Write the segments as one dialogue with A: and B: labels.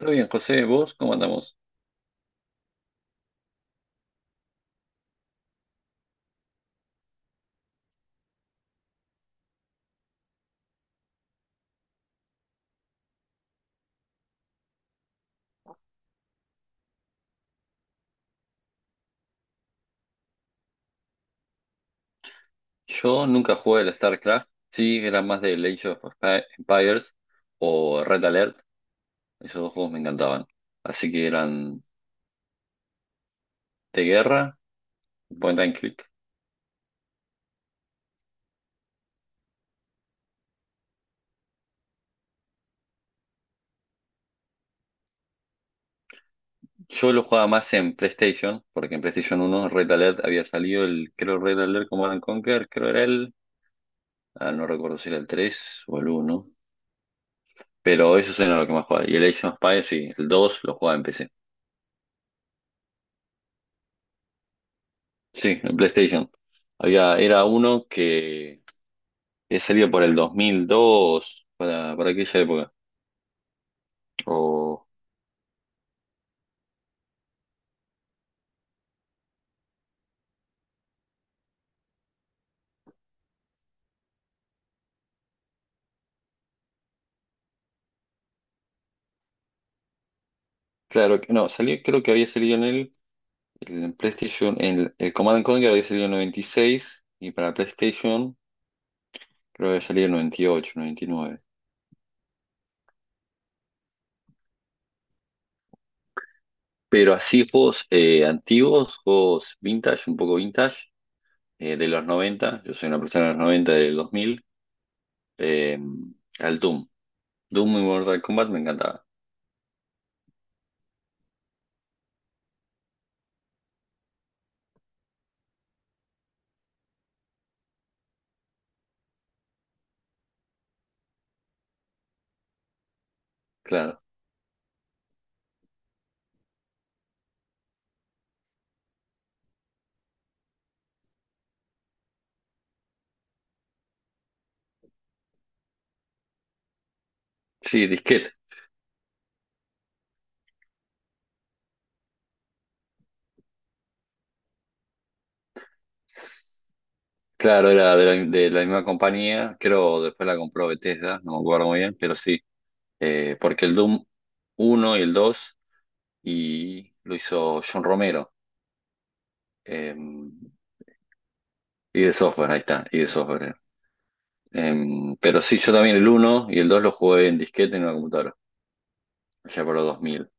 A: Muy bien, José, ¿vos cómo andamos? Yo nunca jugué al StarCraft, sí, era más de Age of Empires o Red Alert, esos dos juegos me encantaban. Así que eran de guerra, point and click. Yo lo jugaba más en PlayStation, porque en PlayStation uno Red Alert había salido el, creo Red Alert Command and Conquer, creo era el, no recuerdo si era el 3 o el uno, pero eso era lo que más jugaba. Y el Age of Empires, sí, el 2 lo jugaba en PC. Sí, en PlayStation. Había, era uno que salió por el 2002 para, aquella época. O, claro, no, salió, creo que había salido en el, PlayStation, el, Command and Conquer había salido en 96 y seis y para PlayStation creo que había salido en 98, 99. Pero así juegos antiguos, juegos vintage, un poco vintage, de los 90. Yo soy una persona de los 90 del 2000, eh, al Doom. Doom y Mortal Kombat me encantaba, claro. Sí, disquete. Claro, era de la, misma compañía, creo después la compró Bethesda, no me acuerdo muy bien, pero sí, porque el Doom uno y el 2 y lo hizo John Romero, eh, y de software, ahí está, y de software. Pero sí, yo también el uno y el 2 lo jugué en disquete en una computadora, allá por los dos mil.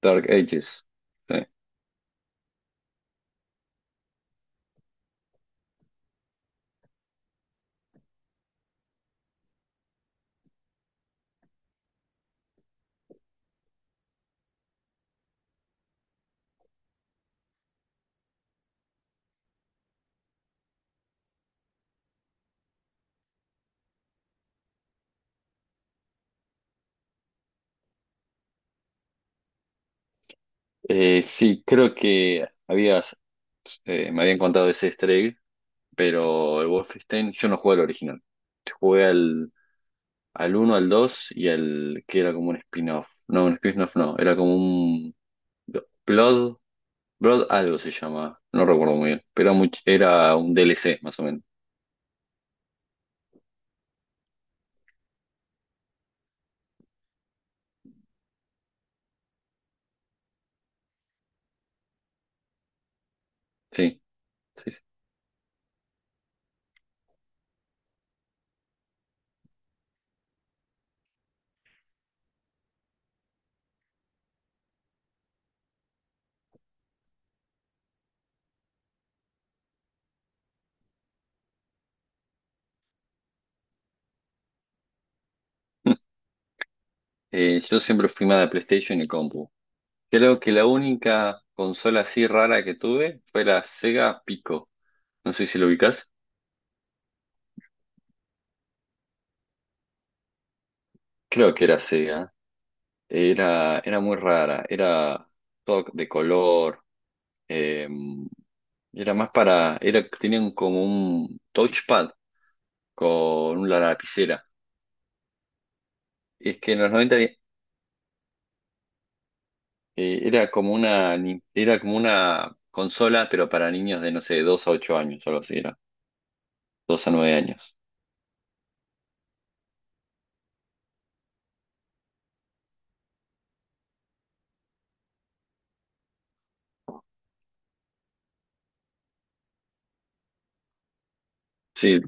A: Dark Ages. Sí. Sí, creo que habías, me habían contado ese easter egg, pero el Wolfenstein, yo no jugué al original, jugué al, uno, al 2 y al que era como un spin-off. No, un spin-off no, era como un Blood, Blood algo se llama, no recuerdo muy bien, pero era, era un DLC más o menos. Sí, sí. Sí. Yo siempre fui más de PlayStation y compu. Creo que la única consola así rara que tuve fue la Sega Pico. No sé si lo ubicás. Creo que era Sega. Era muy rara. Era todo de color. em, Era más para, era, tenían como un touchpad con una lapicera. Es que en los 90 era como una, era como una consola, pero para niños de, no sé, 2 a 8 años, algo así era. Dos a 9 años. Sí,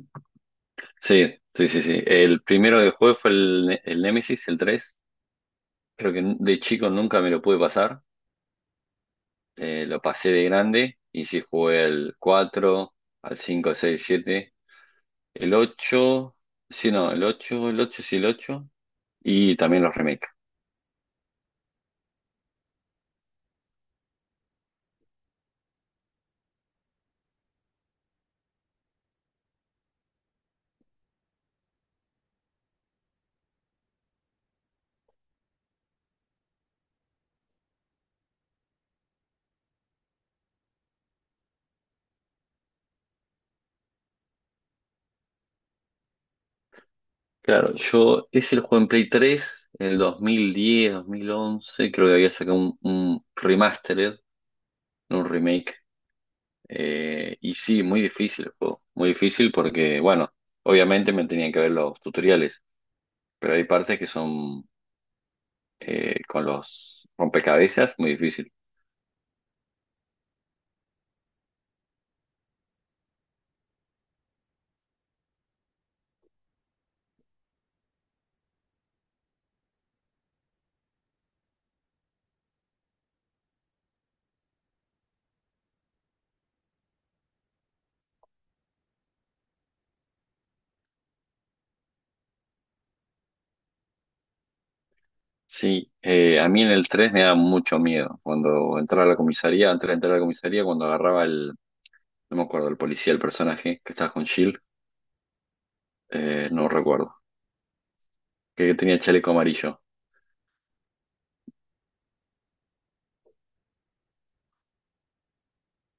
A: sí, sí, sí, sí. El primero que jugué fue el, el Nemesis, el tres. Creo que de chico nunca me lo pude pasar. Lo pasé de grande y sí jugué al cuatro, al cinco, seis, siete. El ocho, sí, no, el ocho, sí, el ocho. Y también los remakes. Claro, yo ese lo jugué en Play 3 en el 2010, 2011. Creo que había sacado un, remastered, no un remake. Y sí, muy difícil el juego. Muy difícil porque, bueno, obviamente me tenían que ver los tutoriales. Pero hay partes que son con los rompecabezas muy difícil. Sí, a mí en el 3 me daba mucho miedo. Cuando entraba a la comisaría, antes de entrar a la comisaría, cuando agarraba el, no me acuerdo, el policía, el personaje que estaba con Shield, no recuerdo. Que tenía chaleco amarillo.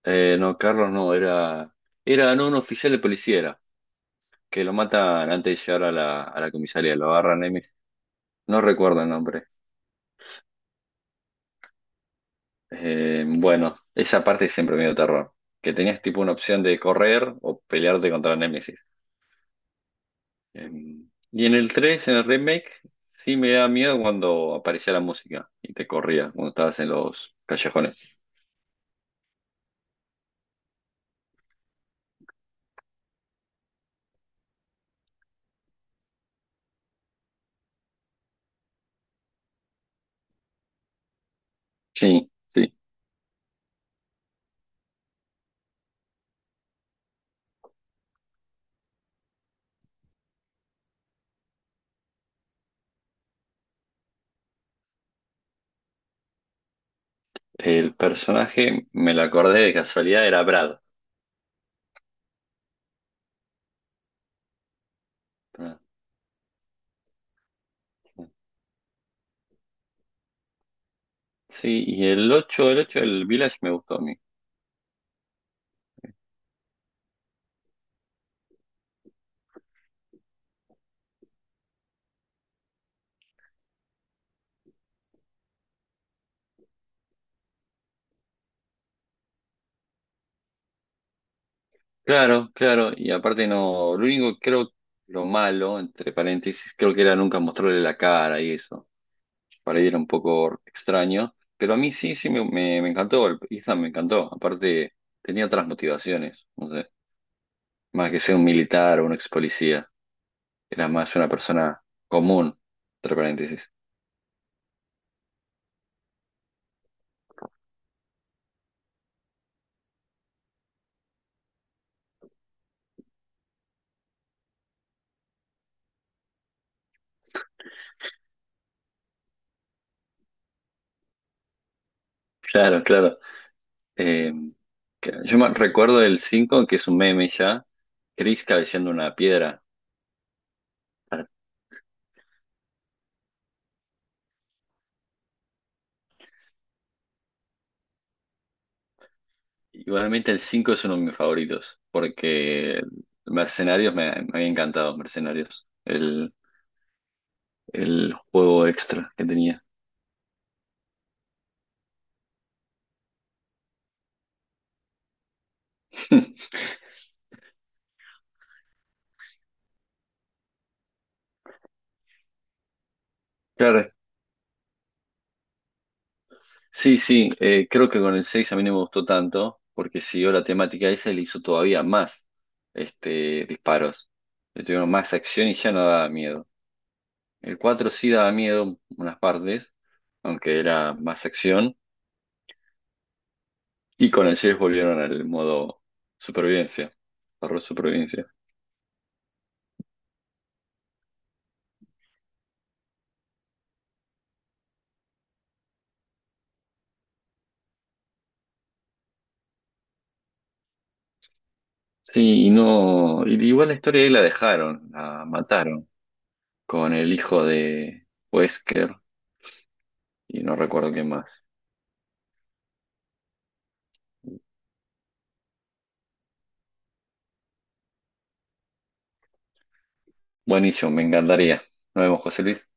A: No, Carlos no, era, no, un oficial de policía era, que lo matan antes de llegar a la, comisaría, lo agarran Emi. No recuerdo el nombre. Bueno, esa parte siempre me dio terror, que tenías tipo una opción de correr o pelearte contra Némesis. Eh, y en el tres, en el remake, sí me da miedo cuando aparecía la música y te corría cuando estabas en los callejones. Sí, sí. El personaje, me lo acordé de casualidad, era Brad. Ah, sí, y el ocho, del Village me gustó a mí. Claro, claro, y aparte no, lo único que creo, lo malo, entre paréntesis, creo que era nunca mostrarle la cara y eso. Para ir un poco extraño, pero a mí sí, sí me, encantó, el Ethan me encantó. Aparte, tenía otras motivaciones, no sé, más que ser un militar o un ex policía, era más una persona común, entre paréntesis. Claro, claro. Eh, yo me recuerdo el 5 que es un meme ya, Chris cabeceando una piedra. Ar- Igualmente el 5 es uno de mis favoritos, porque Mercenarios me, había encantado, Mercenarios, el, juego extra que tenía. Claro, sí, sí, creo que con el 6 a mí no me gustó tanto, porque siguió la temática esa y le hizo todavía más disparos. Le tuvieron más acción y ya no daba miedo. El 4 sí daba miedo unas partes, aunque era más acción. Y con el 6 volvieron al modo supervivencia, horror supervivencia. Sí, y no. Y igual la historia ahí la dejaron, la mataron con el hijo de Wesker y no recuerdo quién más. Buenísimo, me encantaría. Nos vemos, José Luis.